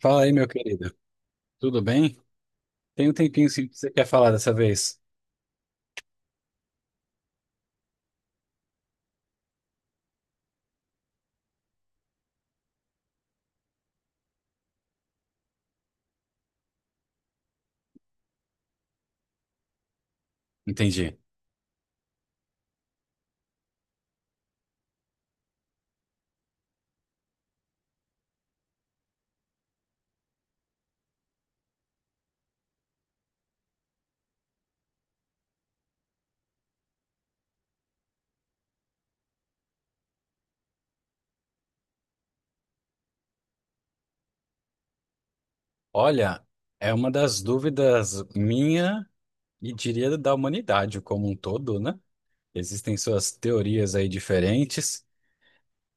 Fala aí, meu querido. Tudo bem? Tem um tempinho sim que você quer falar dessa vez. Entendi. Olha, é uma das dúvidas minha e diria da humanidade como um todo, né? Existem suas teorias aí diferentes,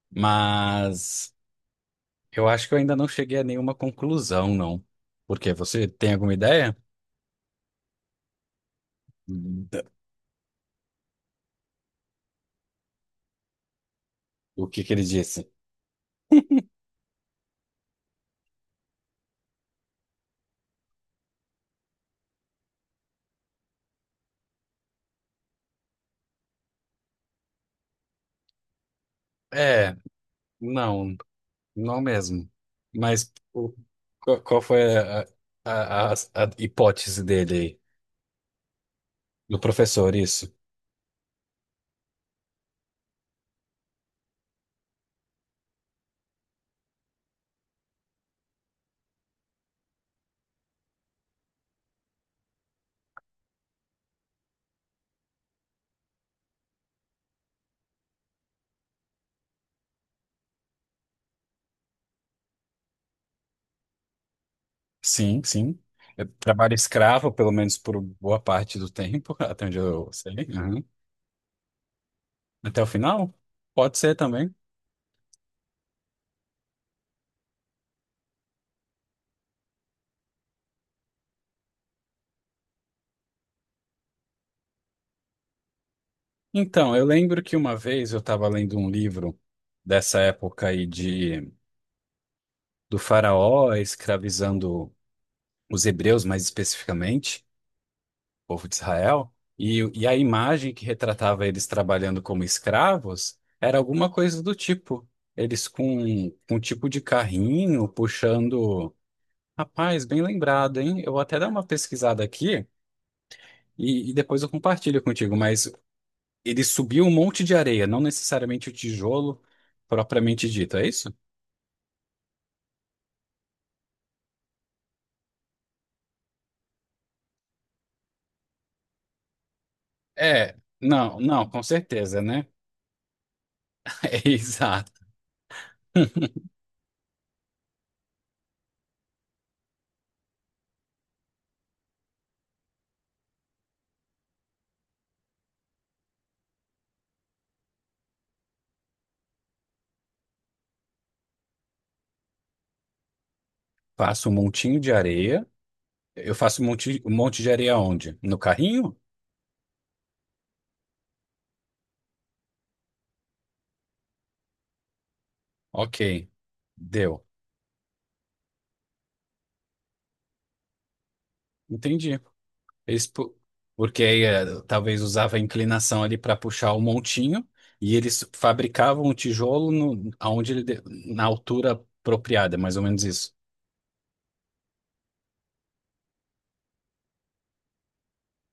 mas eu acho que eu ainda não cheguei a nenhuma conclusão, não. Por quê? Você tem alguma ideia da- do que ele disse? É, não, não mesmo. Mas o- qual foi a hipótese dele aí? Do professor, isso. Sim, sim. Eu trabalho escravo, pelo menos por boa parte do tempo, até onde eu sei. Uhum. Até o final? Pode ser também. Então, eu lembro que uma vez eu estava lendo um livro dessa época aí de, do faraó escravizando os hebreus, mais especificamente, o povo de Israel, e a imagem que retratava eles trabalhando como escravos era alguma coisa do tipo. Eles com um tipo de carrinho puxando. Rapaz, bem lembrado, hein? Eu vou até dar uma pesquisada aqui e depois eu compartilho contigo, mas ele subiu um monte de areia, não necessariamente o tijolo propriamente dito, é isso? É, não, não, com certeza, né? É exato. Faço um montinho de areia. Eu faço um monte de areia onde? No carrinho? Ok, deu. Entendi. Eles, pu- porque aí talvez usava a inclinação ali para puxar o montinho e eles fabricavam o tijolo no, aonde ele de- na altura apropriada, mais ou menos isso.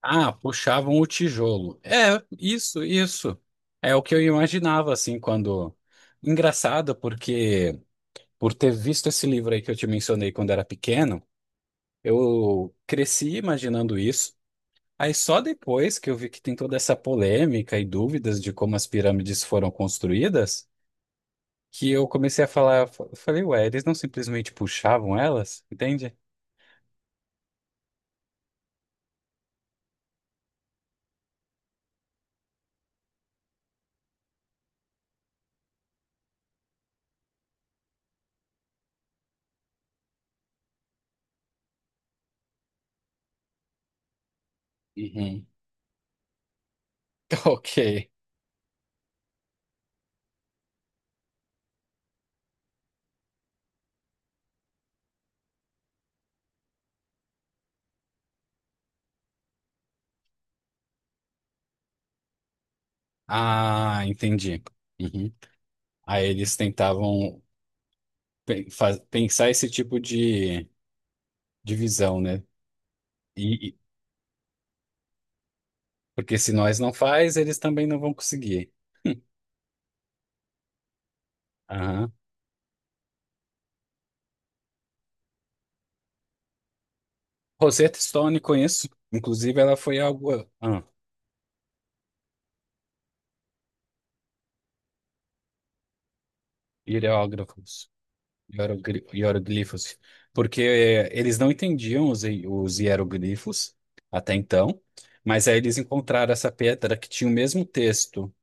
Ah, puxavam o tijolo. É, isso, isso. É o que eu imaginava assim quando engraçado porque por ter visto esse livro aí que eu te mencionei quando era pequeno, eu cresci imaginando isso. Aí só depois que eu vi que tem toda essa polêmica e dúvidas de como as pirâmides foram construídas, que eu comecei a falar, fa- falei, ué, eles não simplesmente puxavam elas, entende? Uhum. Ok. Ah, entendi. Uhum. Aí eles tentavam pe- fa- pensar esse tipo de divisão, né? E, e- porque se nós não faz, eles também não vão conseguir. Aham. Rosetta Stone conheço. Inclusive, ela foi algo. Ah, hidrógrafos. Hierogli- hieroglifos, porque eles não entendiam os, hi- os hieroglifos até então, mas aí eles encontraram essa pedra que tinha o mesmo texto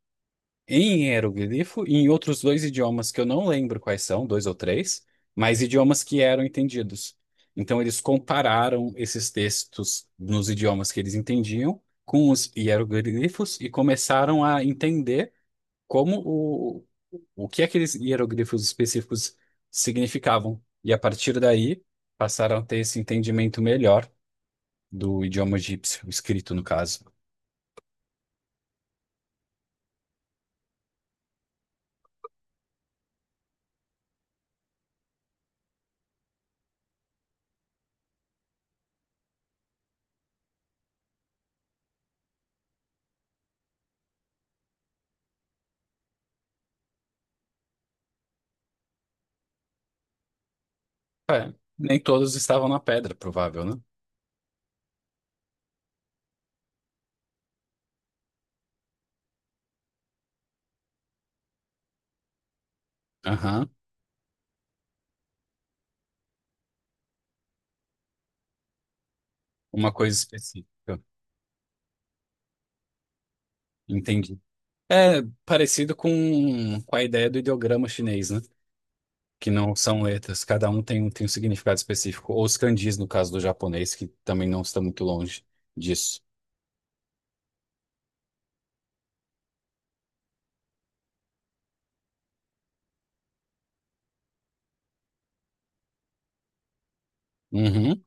em hieroglifo e em outros dois idiomas que eu não lembro quais são, dois ou três, mas idiomas que eram entendidos. Então eles compararam esses textos nos idiomas que eles entendiam com os hieroglifos e começaram a entender como o que aqueles hieróglifos específicos significavam. E a partir daí, passaram a ter esse entendimento melhor do idioma egípcio, escrito no caso. É, nem todos estavam na pedra, provável, né? Aham, uma coisa específica. Entendi. É parecido com a ideia do ideograma chinês, né? Que não são letras, cada um tem, um- tem um significado específico. Ou os kanjis, no caso do japonês, que também não está muito longe disso. Uhum,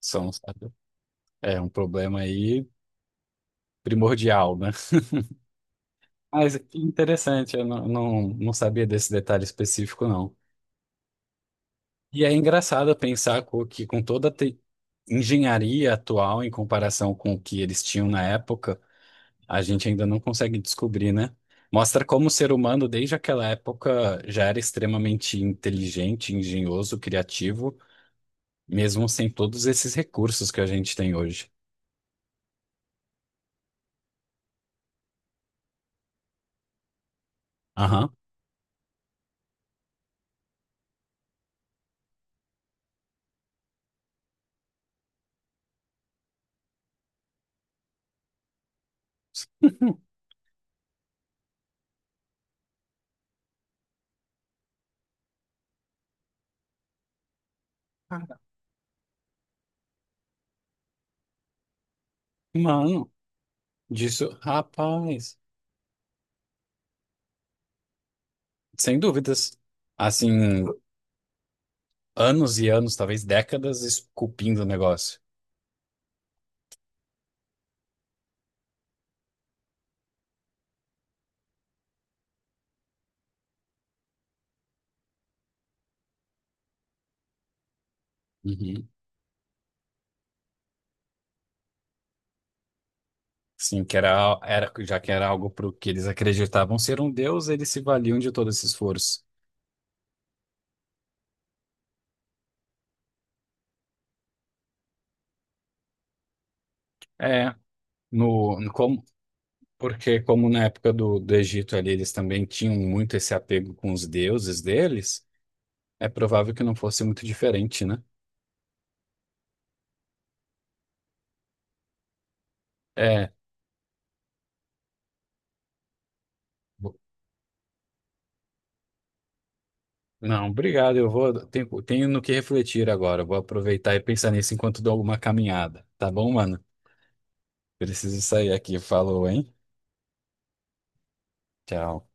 são. É um problema aí primordial, né? Mas que interessante, eu não, não, não sabia desse detalhe específico, não. E é engraçado pensar co- que com toda a te- engenharia atual em comparação com o que eles tinham na época, a gente ainda não consegue descobrir, né? Mostra como o ser humano, desde aquela época, já era extremamente inteligente, engenhoso, criativo, mesmo sem todos esses recursos que a gente tem hoje. Aham. Mano, disso, rapaz. Sem dúvidas. Assim, anos e anos, talvez décadas, esculpindo o negócio. Uhum. Sim, que era, era, já que era algo para o que eles acreditavam ser um deus, eles se valiam de todo esse esforço. É, no, no como, porque como na época do, do Egito ali, eles também tinham muito esse apego com os deuses deles, é provável que não fosse muito diferente, né? É, vo- não, obrigado, eu vou, tenho, tenho no que refletir agora, vou aproveitar e pensar nisso enquanto dou alguma caminhada, tá bom, mano? Preciso sair aqui. Falou, hein? Tchau.